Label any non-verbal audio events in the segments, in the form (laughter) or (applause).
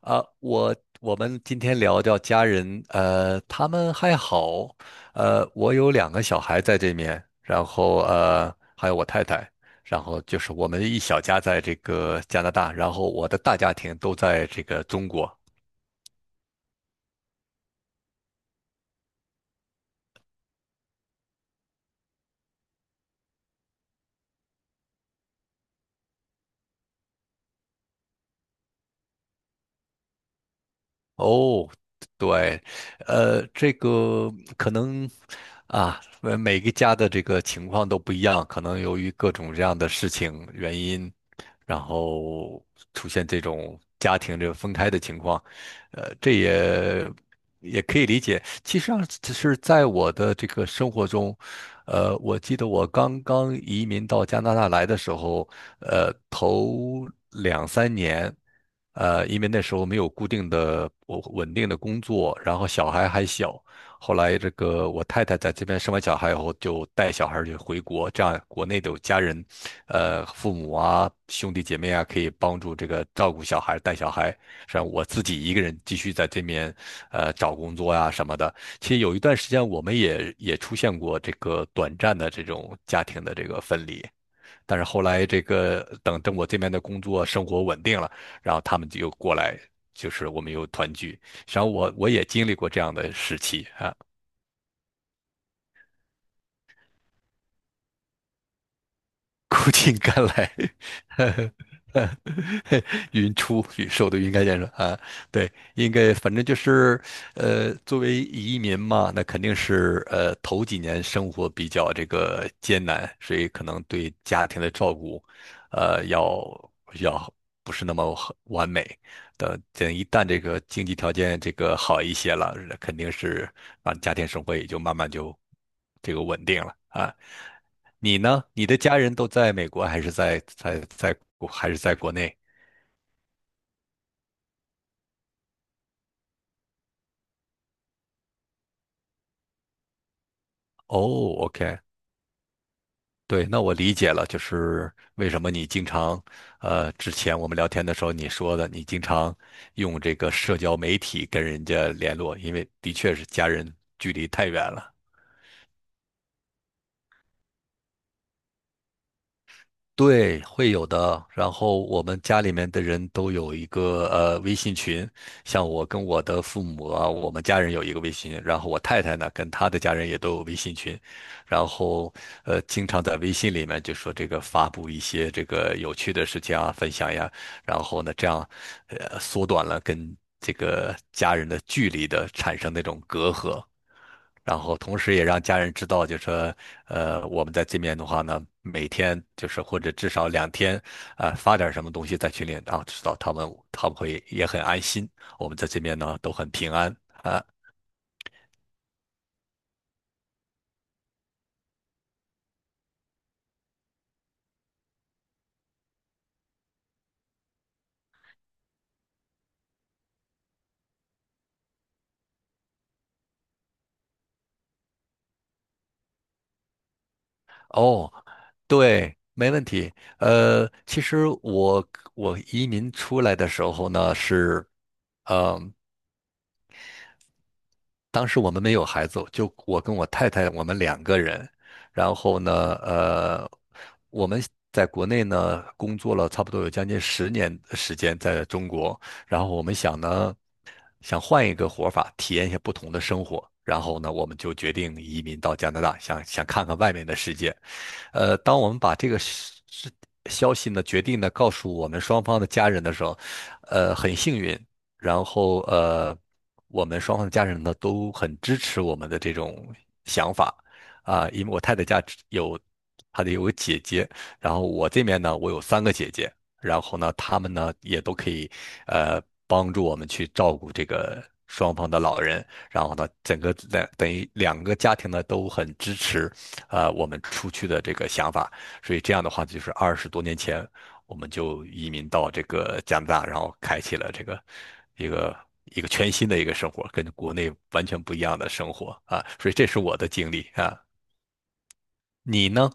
啊，我们今天聊聊家人。他们还好。我有两个小孩在这面，然后还有我太太，然后就是我们一小家在这个加拿大，然后我的大家庭都在这个中国。哦，对，这个可能啊，每个家的这个情况都不一样，可能由于各种这样的事情原因，然后出现这种家庭这个分开的情况。这也可以理解。其实上，只是在我的这个生活中，我记得我刚刚移民到加拿大来的时候，头2、3年。因为那时候没有固定的、我稳定的工作，然后小孩还小。后来这个我太太在这边生完小孩以后，就带小孩儿就回国，这样国内的有家人，父母啊、兄弟姐妹啊，可以帮助这个照顾小孩、带小孩。实际上我自己一个人继续在这边，找工作呀、什么的。其实有一段时间，我们也出现过这个短暂的这种家庭的这个分离。但是后来这个等等我这边的工作生活稳定了，然后他们就又过来，就是我们又团聚。实际上我也经历过这样的时期啊。苦尽甘来。(laughs) 云出云收都云开见说啊。对，应该反正就是，作为移民嘛，那肯定是头几年生活比较这个艰难，所以可能对家庭的照顾，呃，要要不是那么很完美。等等，一旦这个经济条件这个好一些了，肯定是啊，家庭生活也就慢慢就这个稳定了啊。你呢？你的家人都在美国，还是在国内？哦，OK,对，那我理解了，就是为什么你经常，之前我们聊天的时候你说的，你经常用这个社交媒体跟人家联络，因为的确是家人距离太远了。对，会有的。然后我们家里面的人都有一个微信群，像我跟我的父母啊，我们家人有一个微信群，然后我太太呢跟她的家人也都有微信群，然后经常在微信里面就说这个发布一些这个有趣的事情啊，分享呀，然后呢这样缩短了跟这个家人的距离的产生那种隔阂。然后同时也让家人知道，就说，我们在这边的话呢，每天就是或者至少2天，啊、发点什么东西在群里，然后知道他们会也很安心，我们在这边呢都很平安啊。哦，对，没问题。其实我移民出来的时候呢是。嗯。当时我们没有孩子，就我跟我太太，我们两个人。然后呢，呃，我们在国内呢工作了差不多有将近10年的时间，在中国。然后我们想呢，想换一个活法，体验一下不同的生活。然后呢，我们就决定移民到加拿大，想想看看外面的世界。当我们把这个消息呢决定呢告诉我们双方的家人的时候，很幸运，然后我们双方的家人呢都很支持我们的这种想法啊，因为我太太家只有她的有个姐姐，然后我这边呢我有三个姐姐，然后呢她们呢也都可以呃帮助我们去照顾这个双方的老人。然后呢，整个在等于两个家庭呢都很支持，我们出去的这个想法，所以这样的话就是20多年前我们就移民到这个加拿大，然后开启了这个一个一个全新的一个生活，跟国内完全不一样的生活啊，所以这是我的经历啊。你呢？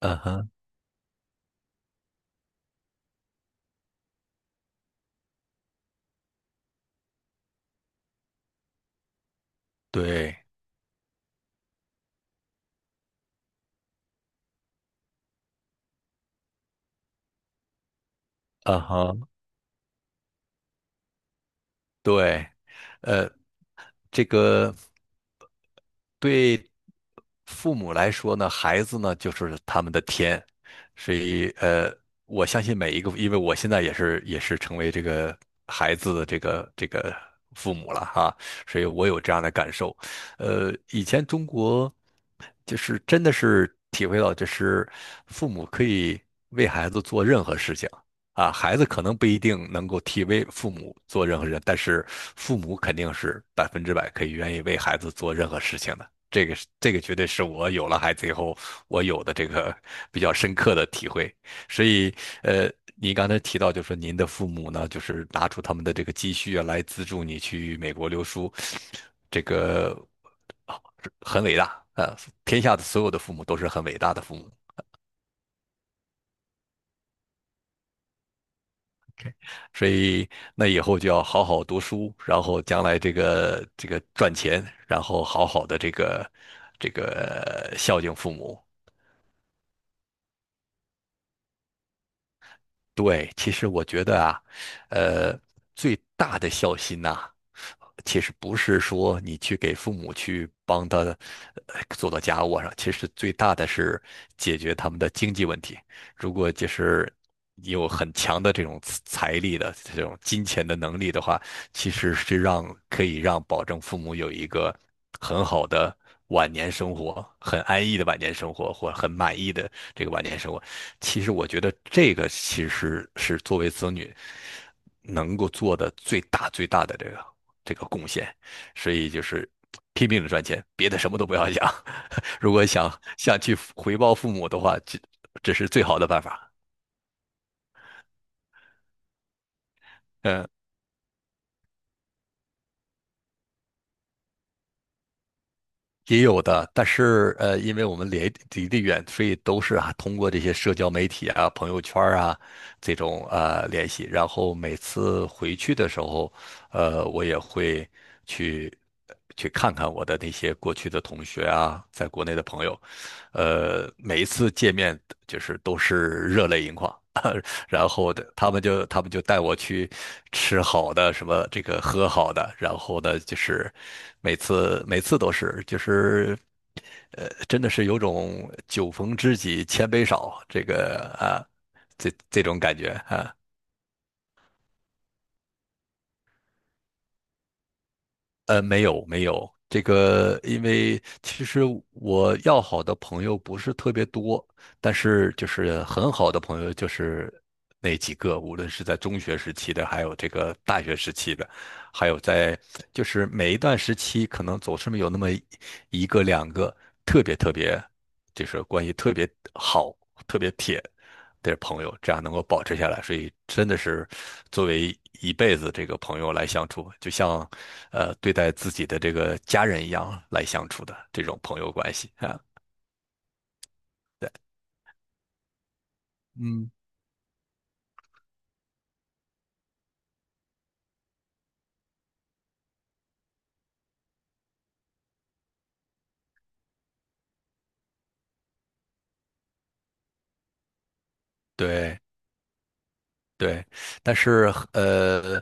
嗯哼。对。嗯哼。对，呃，这个。对父母来说呢，孩子呢就是他们的天，所以我相信每一个，因为我现在也是成为这个孩子的这个父母了哈，所以我有这样的感受。以前中国就是真的是体会到，就是父母可以为孩子做任何事情。啊，孩子可能不一定能够替为父母做任何事，但是父母肯定是100%可以愿意为孩子做任何事情的。这个是这个绝对是我有了孩子以后我有的这个比较深刻的体会。所以，呃，您刚才提到，就是说您的父母呢，就是拿出他们的这个积蓄啊，来资助你去美国留书，这个很伟大啊！天下的所有的父母都是很伟大的父母，所以那以后就要好好读书，然后将来这个赚钱，然后好好的这个孝敬父母。对，其实我觉得啊，呃，最大的孝心呐、其实不是说你去给父母去帮他做到家务上，其实最大的是解决他们的经济问题。如果就是你有很强的这种财力的这种金钱的能力的话，其实是让可以让保证父母有一个很好的晚年生活，很安逸的晚年生活，或很满意的这个晚年生活。其实我觉得这个其实是作为子女能够做的最大最大的这个贡献，所以就是拼命的赚钱，别的什么都不要想。(laughs) 如果想去回报父母的话，这是最好的办法。嗯。也有的，但是因为我们离得远，所以都是啊通过这些社交媒体啊、朋友圈儿啊这种联系。然后每次回去的时候，我也会去去看看我的那些过去的同学啊，在国内的朋友。每一次见面就是都是热泪盈眶。然后的他们就带我去吃好的，什么这个喝好的，然后呢就是每次都是就是。真的是有种酒逢知己千杯少，这个啊，这种感觉啊。没有没有，这个因为其实我要好的朋友不是特别多，但是就是很好的朋友就是那几个，无论是在中学时期的，还有这个大学时期的，还有在就是每一段时期，可能总是有那么一个两个特别特别，就是关系特别好、特别铁的朋友，这样能够保持下来。所以真的是作为一辈子这个朋友来相处，就像对待自己的这个家人一样来相处的这种朋友关系啊。对。嗯。对，对，但是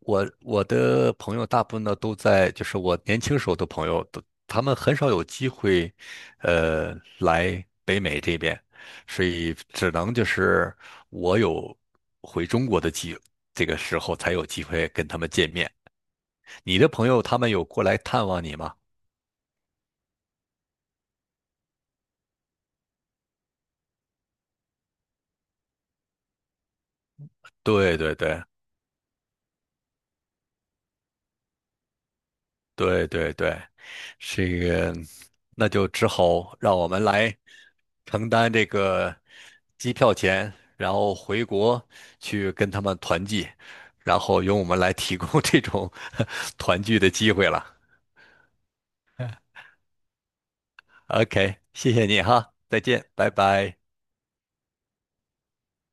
我的朋友大部分呢都在，就是我年轻时候的朋友，都他们很少有机会，来北美这边，所以只能就是我有回中国的机，这个时候才有机会跟他们见面。你的朋友他们有过来探望你吗？对对对。对对对，这个那就只好让我们来承担这个机票钱，然后回国去跟他们团聚，然后由我们来提供 (laughs) 这种团聚的机会了。OK,谢谢你哈，再见，拜拜。